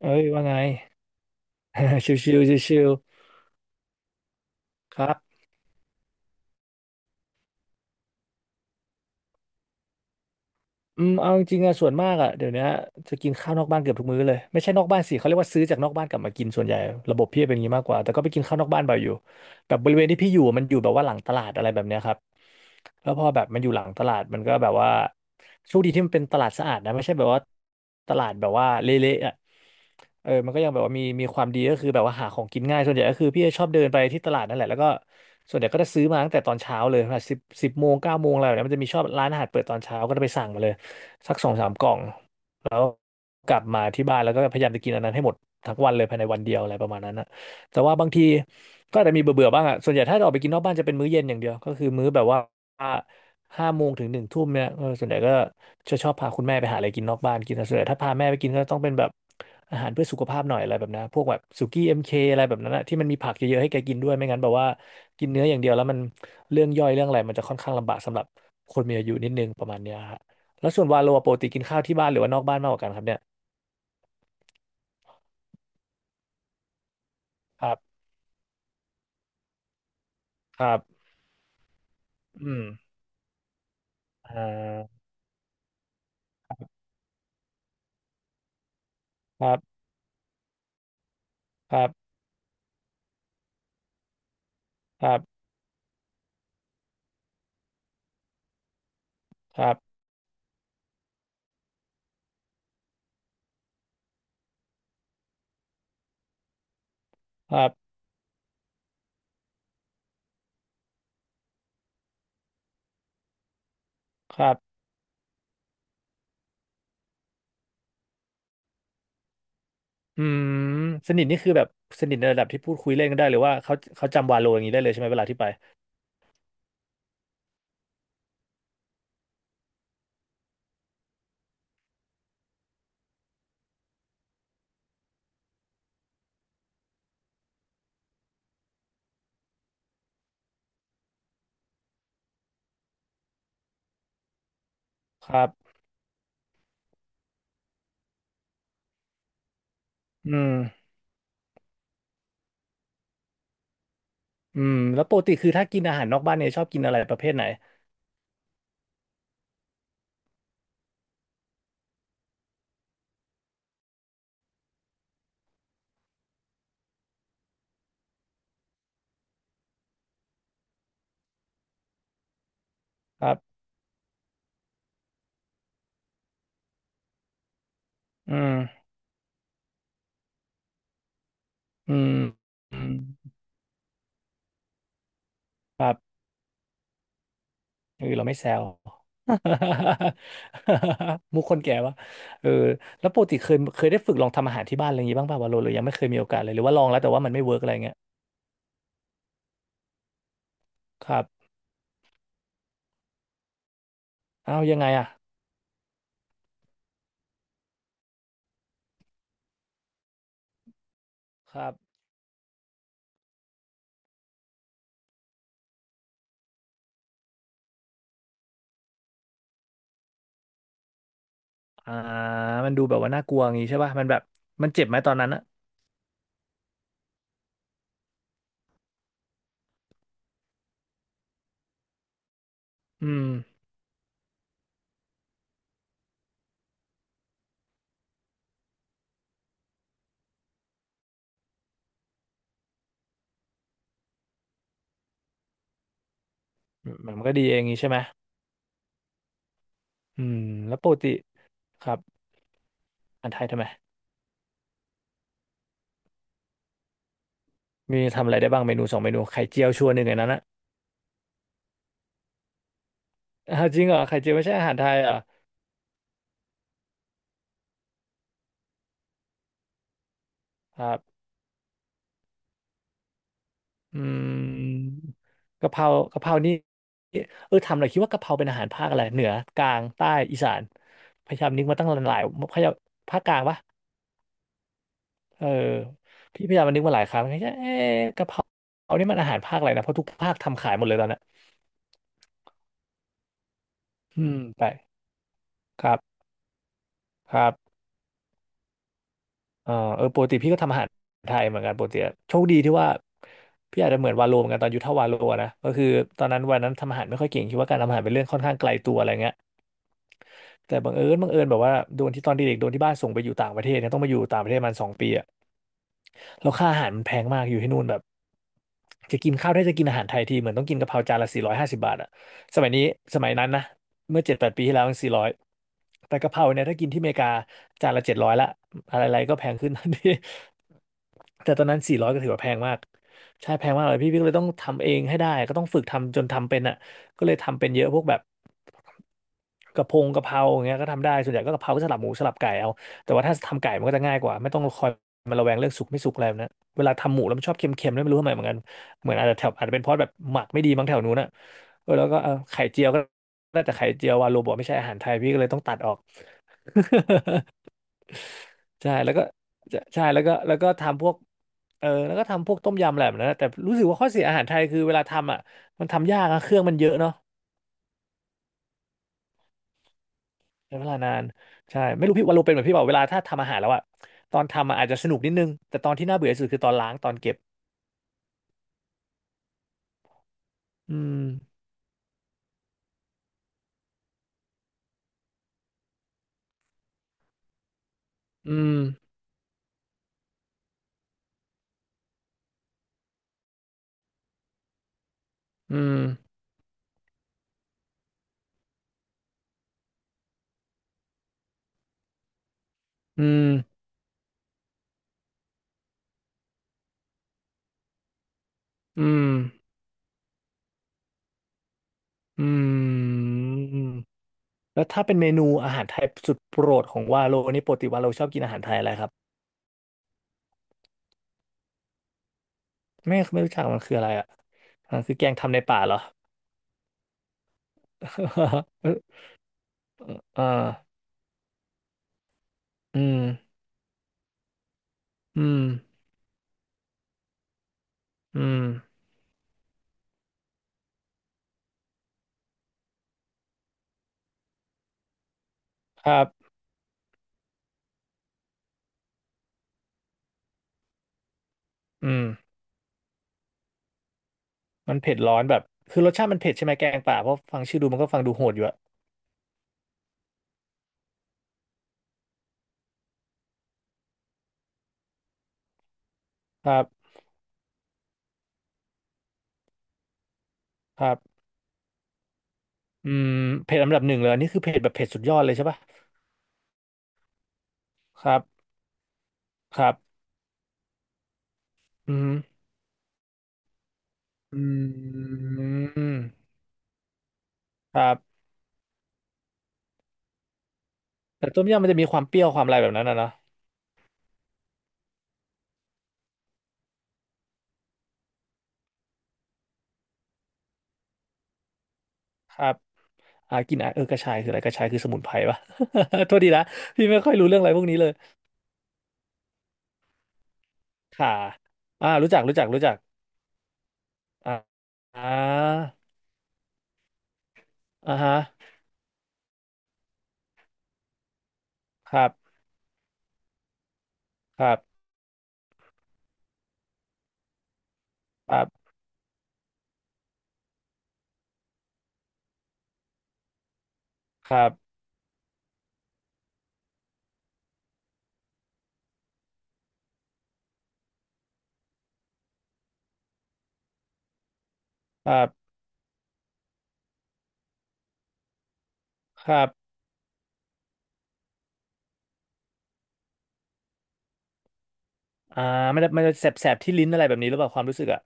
เอ้ยว่าไง ชิวๆชิวๆครับ อืมเอาจริงๆอะส่วนมากอะเดี๋ยวเนี้ยจะกินข้าวนอกบ้านเกือบทุกมื้อเลยไม่ใช่นอกบ้านสิเขาเรียกว่าซื้อจากนอกบ้านกลับมากินส่วนใหญ่ระบบพี่เป็นอย่างนี้มากกว่าแต่ก็ไปกินข้าวนอกบ้านบ่อยอยู่แบบบริเวณที่พี่อยู่มันอยู่แบบว่าหลังตลาดอะไรแบบเนี้ยครับแล้วพอแบบมันอยู่หลังตลาดมันก็แบบว่าโชคดีที่มันเป็นตลาดสะอาดนะไม่ใช่แบบว่าตลาดแบบว่าเละๆอะเออมันก็ยังแบบว่ามีความดีก็คือแบบว่าหาของกินง่ายส่วนใหญ่ก็คือพี่จะชอบเดินไปที่ตลาดนั่นแหละแล้วก็ส่วนใหญ่ก็จะซื้อมาตั้งแต่ตอนเช้าเลยแบบสิบโมงเก้าโมงอะไรแบบเนี้ยมันจะมีชอบร้านอาหารเปิดตอนเช้าก็จะไปสั่งมาเลย สักสองสามกล่องแล้วกลับมาที่บ้านแล้วก็พยายามจะกินอันนั้นให้หมดทั้งวันเลยภายในวันเดียวอะไรประมาณนั้นนะแต่ว่าบางทีก็อาจจะมีเบื่อๆบ้างอ่ะส่วนใหญ่ถ้าเราออกไปกินนอกบ้านจะเป็นมื้อเย็นอย่างเดียวก็คือมื้อแบบว่าห้าโมงถึงหนึ่งทุ่มเนี่ยเออส่วนใหญ่ก็จะชอบพาคุณแม่ไปหาอะไรกินนอกบ้านกินนะส่วนใหญ่ถ้าพาแม่ไปกินก็ต้องเป็นแบบอาหารเพื่อสุขภาพหน่อยอะไรแบบนั้นพวกแบบสุกี้เอ็มเคอะไรแบบนั้นนะที่มันมีผักเยอะๆให้แกกินด้วยไม่งั้นแบบว่ากินเนื้ออย่างเดียวแล้วมันเรื่องย่อยเรื่องอะไรมันจะค่อนข้างลำบากสำหรับคนมีอายุนิดนึงประมาณเนี้ยฮะ แล้วส่วนวาโลปกติกินข้าวที่บ้านหรือว่านอกบ้านมากกว่ากันครับเนี่ยครับครับอืมอ่าครับครับครับครับครับครับอืมสนิทนี่คือแบบสนิทในระดับที่พูดคุยเล่นกันได้หรือว่าเขาเขาจำวาโลอย่างนี้ได้เลยใช่ไหมเวลาที่ไปครับอืมอืมแล้วปกติคือถ้ากินอาหารนอกบ้านเนี่ยชอบกินอะไรประเภทไหนครับอืมอืมอืมครับ เออเราไม่แซว มุกคนแก่วะเออแล้วปกติเคยได้ฝึกลองทำอาหารที่บ้านอะไรอย่างงี้บ้างป่ะวะโลหรือยังไม่เคยมีโอกาสเลยหรือว่าลองแล้วแต่ว่ามันไม่เวิร์กอะไรเงี้ยครับอ้าวยังไงอ่ะครับอ่ามันดูแบบว่าน่ากลัวอย่างงี้ใช่ป่ะมันแบบมันเจ็บไหมตอนนั้นอะอืมมันมันก็ดีเองงี้ใช่ไหมอืมแล้วปกติครับอันไทยทำไมมีทำอะไรได้บ้างเมนูสองเมนูไข่เจียวชวนหนึ่งในนั้นอะอ้าวจริงเหรอไข่เจียวไม่ใช่อาหารไทยเหรอ่ อืมกะเพรากะเพรานี่เออทำหน่อยคิดว่ากะเพราเป็นอาหารภาคอะไรเหนือกลางใต้อีสานพยายามนึกมาตั้งหลายพยายามภาคกลางปะเออพี่พยายามมานึกมาหลายครั้งเอ๊ะกะเพราเอานี่มันอาหารภาคอะไรนะเพราะทุกภาคทำขายหมดเลยตอนเนี้ยอืมไปครับครับเออเออปกติพี่ก็ทำอาหารไทยเหมือนกันปกติอะโชคดีที่ว่าพี่อาจจะเหมือนวาโลเหมือนกันตอนยุทธวาโลนะก็คือตอนนั้นวันนั้นทำอาหารไม่ค่อยเก่งคิดว่าการทำอาหารเป็นเรื่องค่อนข้างไกลตัวอะไรเงี้ย แต่บังเอิญแบบว่าโดนที่ตอนเด็กๆโดนที่บ้านส่งไปอยู่ต่างประเทศเนี่ยต้องมาอยู่ต่างประเทศมัน2 ปีอะแล้วค่าอาหารมันแพงมากอยู่ที่นู่นแบบจะกินข้าวได้จะกินอาหารไทยทีเหมือนต้องกินกะเพราจานละ450 บาทอะสมัยนี้สมัยนั้นนะเมื่อ7-8 ปีที่แล้วสี่ร้อยแต่กะเพราเนี่ยถ้ากินที่อเมริกาจานละ700ละอะไรๆก็แพงขึ้นทันทีแต่ตอนนั้นสี่ร้อยก็ถือว่าแพงมากใช่แพงมากเลยพี่ก็เลยต้องทำเองให้ได้ก็ต้องฝึกทำจนทำเป็นอะ ก็เลยทำเป็นเยอะพวกแบบกะเพราอย่างเงี้ยก็ทำได้ส่วนใหญ่ก็กะเพราก็สลับหมูสลับไก่เอาแต่ว่าถ้าทำไก่มันก็จะง่ายกว่าไม่ต้องคอยมาระแวงเรื่องสุกไม่สุกอะไรแบบนะเวลาทำหมูแล้วมันชอบเค็มๆแล้วยไม่รู้ทำไมเหมือนกันเหมือนอาจจะเป็นเพราะแบบหมักไม่ดีมั้งแถวนู้นอะเออแล้วก็เออไข่เจียวก็ได้แต่ไข่เจียววาโลบอกไม่ใช่อาหารไทยพี่ก็เลยต้องตัดออก ใช่แล้วก็จะใช่แล้วก็แล้วก็ทำพวกเออแล้วก็ทำพวกต้มยำอะไรแบบนั้นนะแต่รู้สึกว่าข้อเสียอาหารไทยคือเวลาทำอ่ะมันทำยากอะเครื่องมันเยอะเนาะ ใช้เวลานานใช่ไม่รู้พี่วาโลเป็นเหมือนพี่เปล่าเวลาถ้าทำอาหารแล้วอะตอนทำอะอาจจะสนุกนิดนึงแต่ตอนที่น่าเบื่อที่สุดคือตอนล้างตอนเก็บอืมอืมอืมอืมอืมอืมแล้วถ้าเป็นเมนูอาหารไทยสุดโปรดของวาโลนี่ปกติวาโลชอบกินอาหารไทยอะไรครับไม่รู้จักมันคืออะไรอะอ่าคือแกงทำในป่าเหรอ เอออ่าอืมอืมอืมครับอืม มันเผ็ดร้อนแบบคือรสชาติมันเผ็ดใช่ไหมแกงป่าเพราะฟังชื่อดูมันก็ฟังดูโหดอยู่อะครับครับอืมเผ็ดอันดับหนึ่งเลยอันนี่คือเผ็ดแบบเผ็ดสุดยอดเลยใช่ปะครับครับอืมอืมครับแต่ต้มยำมันจะมีความเปรี้ยวความอะไรแบบนั้นนะเนาะครับอ่ากินอ่ะเออกระชายคืออะไรกระชายคือสมุนไพรปะ โทษทีนะพี่ไม่ค่อยรู้เรื่องอะไรพวกนี้เลยค่ะอ่ารู้จักอ่าอ่าอ่าฮะครับครับครับครับครับครับ อ่ามันจะแสบที่ลิ้นอะไรแบบนี้หรือเปล่าความรู้สึกอ่ะ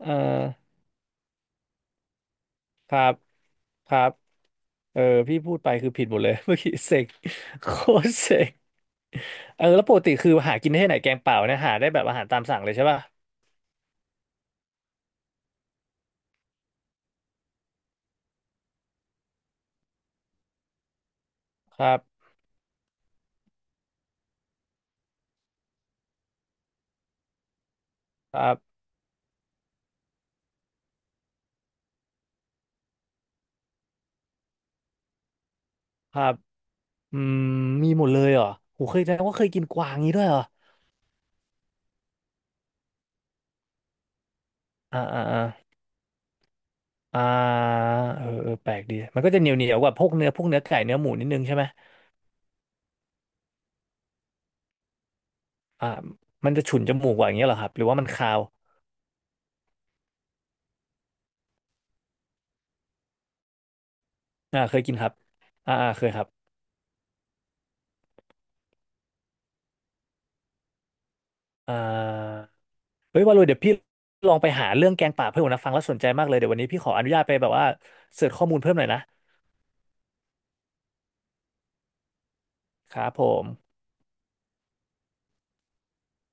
เออครับครับเออพี่พูดไปคือผิดหมดเลย เมื่อกี้เสก โคตรเสกเออแล้วปกติคือหากินได้ที่ไหนแกงเปล่าเนี่ยหาได้แบบอาหารตามสั่งเลยใช่ป่ะครับครับครับอืมมีหมดเลยเหรอโหเคยแสดงว่าเคยกินกวางนี้ด้วยเหรออ่าอ่าอ่าอ่าเออเออแปลกดีมันก็จะเหนียวเหนียวกว่าพวกเนื้อไก่เนื้อหมูนิดนึงใช่ไหมอ่ามันจะฉุนจมูกกว่าอย่างเงี้ยเหรอครับหรือว่ามันคาวอ่าเคยกินครับอ่าอ่าเคยครับอ่า เฮ้ยว่าเลยเดี๋ยวพี่ลองไปหาเรื่องแกงป่าเพื่อนผมนะฟังแล้วสนใจมากเลยเดี๋ยววันนี้พี่ขออนุญาตไปแบบว่าเสิร์ชข้อมูลเพิ่มหน่อยนะครับผม